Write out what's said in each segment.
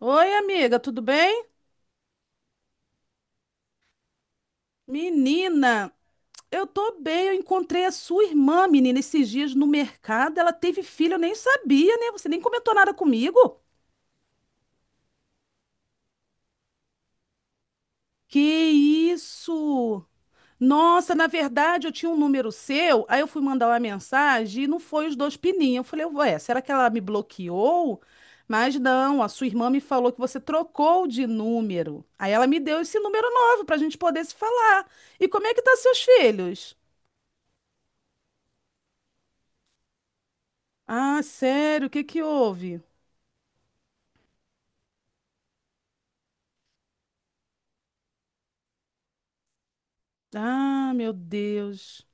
Oi, amiga, tudo bem? Menina, eu tô bem. Eu encontrei a sua irmã, menina, esses dias no mercado. Ela teve filho, eu nem sabia, né? Você nem comentou nada comigo. Que isso? Nossa, na verdade, eu tinha um número seu, aí eu fui mandar uma mensagem e não foi os dois pininhos. Eu falei, ué, será que ela me bloqueou? Mas não, a sua irmã me falou que você trocou de número. Aí ela me deu esse número novo pra gente poder se falar. E como é que tá seus filhos? Ah, sério? O que que houve? Ah, meu Deus.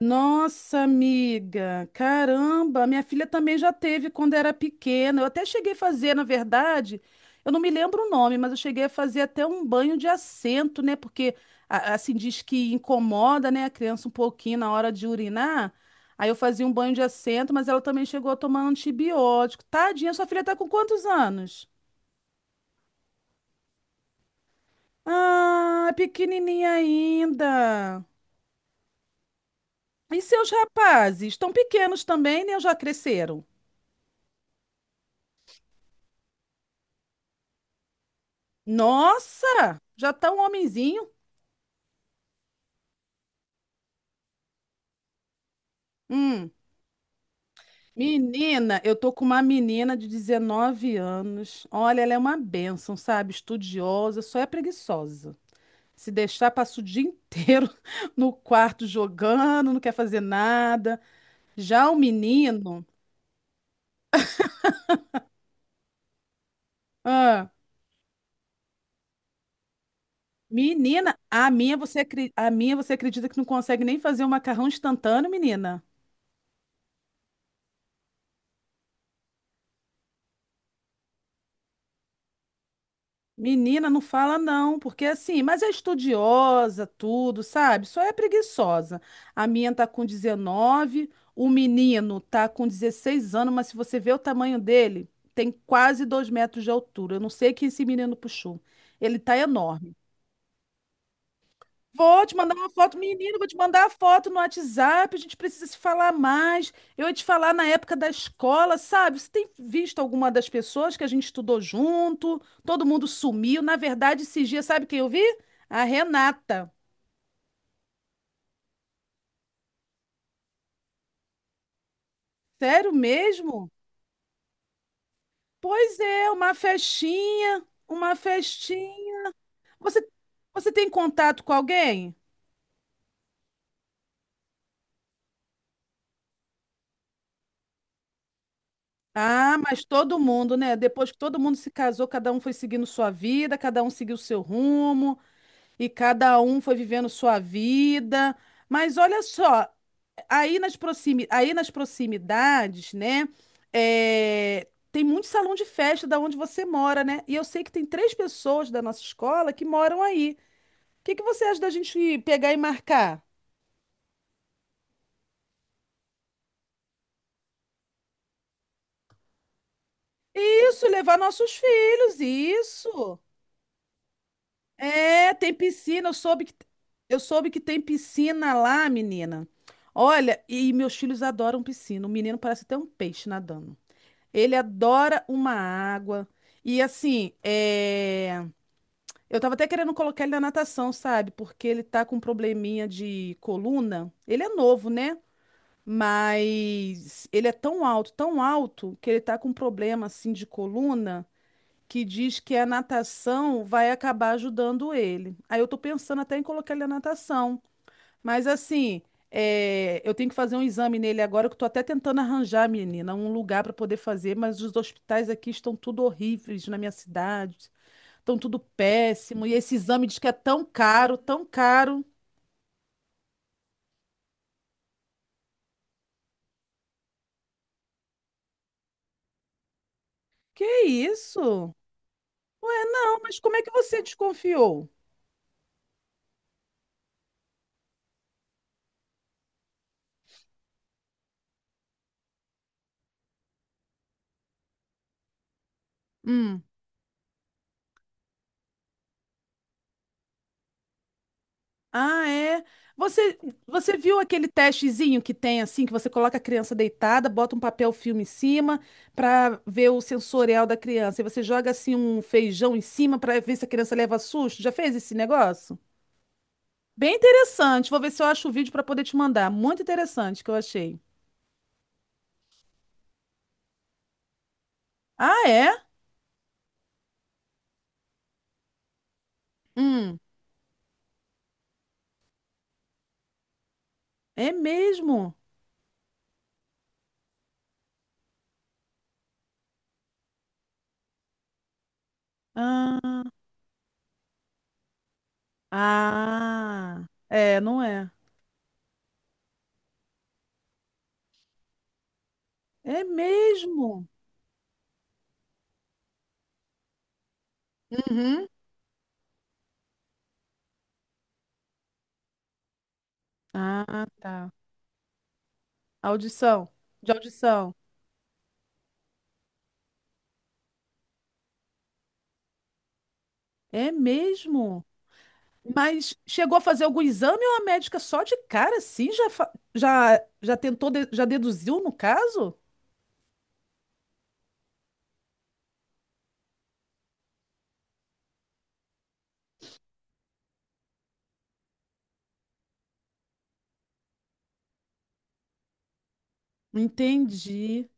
Nossa, amiga, caramba, minha filha também já teve quando era pequena. Eu até cheguei a fazer, na verdade, eu não me lembro o nome, mas eu cheguei a fazer até um banho de assento, né? Porque assim diz que incomoda, né, a criança um pouquinho na hora de urinar. Aí eu fazia um banho de assento, mas ela também chegou a tomar antibiótico. Tadinha, sua filha tá com quantos anos? Ah, é pequenininha ainda. E seus rapazes? Estão pequenos também, né? Ou já cresceram? Nossa! Já tá um homenzinho? Hum. Menina, eu tô com uma menina de 19 anos. Olha, ela é uma bênção, sabe? Estudiosa, só é preguiçosa. Se deixar, passa o dia inteiro no quarto jogando, não quer fazer nada. Já o menino, ah, menina, a minha você acredita que não consegue nem fazer um macarrão instantâneo, menina? Menina, não fala não, porque assim, mas é estudiosa, tudo, sabe? Só é preguiçosa. A minha tá com 19, o menino tá com 16 anos, mas se você ver o tamanho dele, tem quase 2 metros de altura. Eu não sei quem esse menino puxou. Ele tá enorme. Vou te mandar uma foto, menino, vou te mandar a foto no WhatsApp, a gente precisa se falar mais. Eu ia te falar na época da escola, sabe? Você tem visto alguma das pessoas que a gente estudou junto? Todo mundo sumiu. Na verdade, esses dias, sabe quem eu vi? A Renata. Sério mesmo? Pois é, uma festinha, uma festinha. Você, você tem contato com alguém? Ah, mas todo mundo, né? Depois que todo mundo se casou, cada um foi seguindo sua vida, cada um seguiu seu rumo. E cada um foi vivendo sua vida. Mas olha só, aí nas proximidades, né? É, tem muito salão de festa da onde você mora, né? E eu sei que tem três pessoas da nossa escola que moram aí. O que que você acha da gente pegar e marcar? Isso, levar nossos filhos, isso. É, tem piscina, eu soube que tem piscina lá, menina. Olha, e meus filhos adoram piscina. O menino parece até um peixe nadando. Ele adora uma água. E assim, é, eu tava até querendo colocar ele na natação, sabe? Porque ele tá com um probleminha de coluna. Ele é novo, né? Mas ele é tão alto, que ele tá com um problema assim de coluna que diz que a natação vai acabar ajudando ele. Aí eu tô pensando até em colocar ele na natação. Mas assim, é, eu tenho que fazer um exame nele agora, que eu tô até tentando arranjar, menina, um lugar para poder fazer, mas os hospitais aqui estão tudo horríveis na minha cidade, estão tudo péssimo, e esse exame diz que é tão caro, tão caro. Que isso? Ué, não, mas como é que você desconfiou? Hum. Ah, é. Você, você viu aquele testezinho que tem assim, que você coloca a criança deitada, bota um papel filme em cima para ver o sensorial da criança. E você joga assim um feijão em cima para ver se a criança leva susto. Já fez esse negócio? Bem interessante. Vou ver se eu acho o vídeo para poder te mandar. Muito interessante que eu achei. Ah, é? Hum, é mesmo? Ah, ah, é, não é? É mesmo? Uhum. Ah, tá. Audição. De audição. É mesmo? Mas chegou a fazer algum exame ou a médica só de cara, assim, já, já, já tentou, já deduziu no caso? Entendi.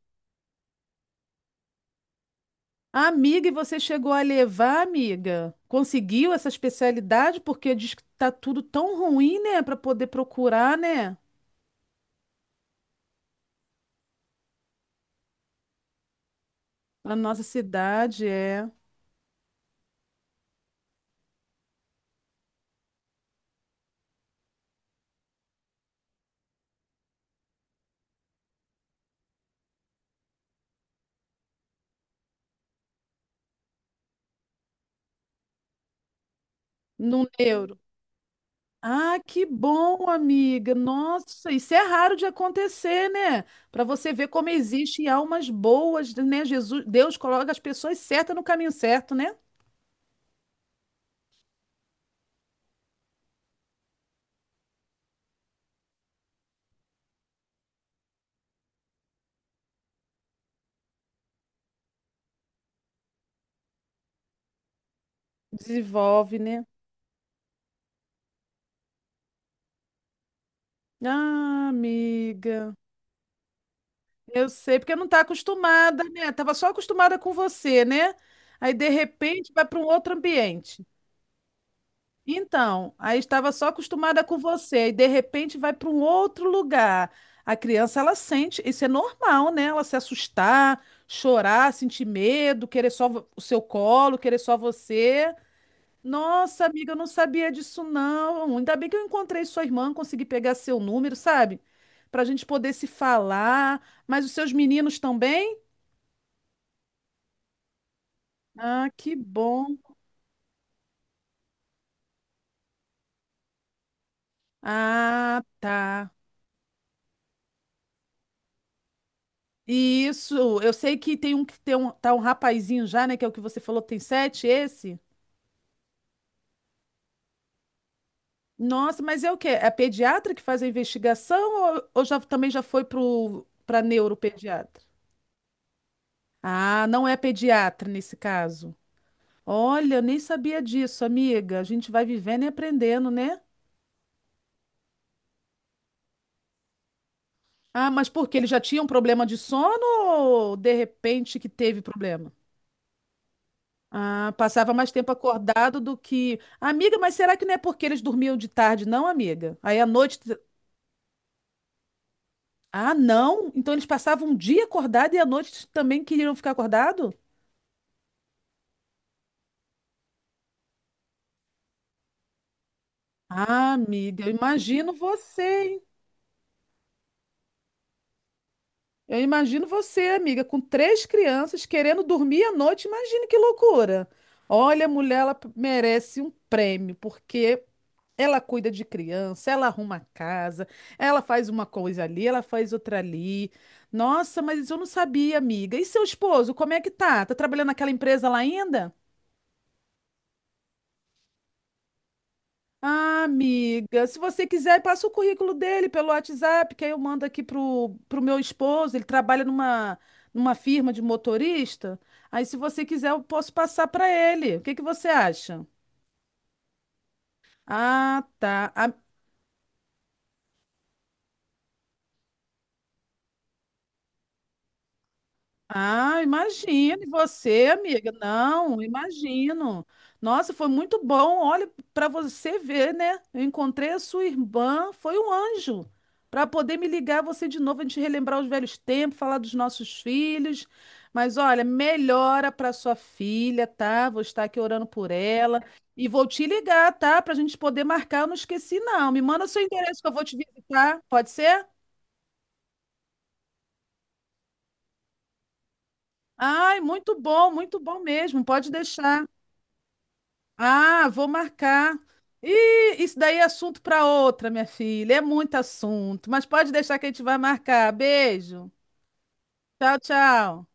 Amiga, e você chegou a levar, amiga? Conseguiu essa especialidade? Porque diz que tá tudo tão ruim, né? Para poder procurar, né? Na nossa cidade, é. No neuro. Ah, que bom, amiga. Nossa, isso é raro de acontecer, né? Para você ver como existem almas boas, né? Jesus, Deus coloca as pessoas certas no caminho certo, né? Desenvolve, né? Ah, amiga. Eu sei, porque não tá acostumada, né? Tava só acostumada com você, né? Aí de repente vai para um outro ambiente. Então, aí estava só acostumada com você, e de repente vai para um outro lugar. A criança, ela sente, isso é normal, né? Ela se assustar, chorar, sentir medo, querer só o seu colo, querer só você. Nossa, amiga, eu não sabia disso, não. Ainda bem que eu encontrei sua irmã, consegui pegar seu número, sabe? Para a gente poder se falar. Mas os seus meninos também? Ah, que bom. Ah, tá. Isso, eu sei que tem um, tá um rapazinho já, né? Que é o que você falou, tem 7, esse? Nossa, mas é o quê? É pediatra que faz a investigação ou já, também já foi pro, pra neuropediatra? Ah, não é pediatra nesse caso. Olha, eu nem sabia disso, amiga. A gente vai vivendo e aprendendo, né? Ah, mas por quê? Ele já tinha um problema de sono ou de repente que teve problema? Ah, passava mais tempo acordado do que. Amiga, mas será que não é porque eles dormiam de tarde, não, amiga? Aí à noite. Ah, não? Então eles passavam um dia acordado e à noite também queriam ficar acordado? Ah, amiga, eu imagino você, hein? Eu imagino você, amiga, com três crianças querendo dormir à noite. Imagina que loucura. Olha, a mulher, ela merece um prêmio, porque ela cuida de criança, ela arruma a casa, ela faz uma coisa ali, ela faz outra ali. Nossa, mas eu não sabia, amiga. E seu esposo, como é que tá? Tá trabalhando naquela empresa lá ainda? Ah, amiga, se você quiser, passa o currículo dele pelo WhatsApp, que aí eu mando aqui pro meu esposo. Ele trabalha numa, numa firma de motorista. Aí, se você quiser, eu posso passar para ele. O que que você acha? Ah, tá. Ah, imagino. Você, amiga? Não, imagino. Nossa, foi muito bom. Olha, para você ver, né? Eu encontrei a sua irmã, foi um anjo. Para poder me ligar você de novo, a gente relembrar os velhos tempos, falar dos nossos filhos. Mas olha, melhora para sua filha, tá? Vou estar aqui orando por ela. E vou te ligar, tá? Para a gente poder marcar. Eu não esqueci, não. Me manda seu endereço que eu vou te visitar. Pode ser? Ai, muito bom mesmo. Pode deixar. Ah, vou marcar. Ih, isso daí é assunto para outra, minha filha. É muito assunto, mas pode deixar que a gente vai marcar. Beijo. Tchau, tchau.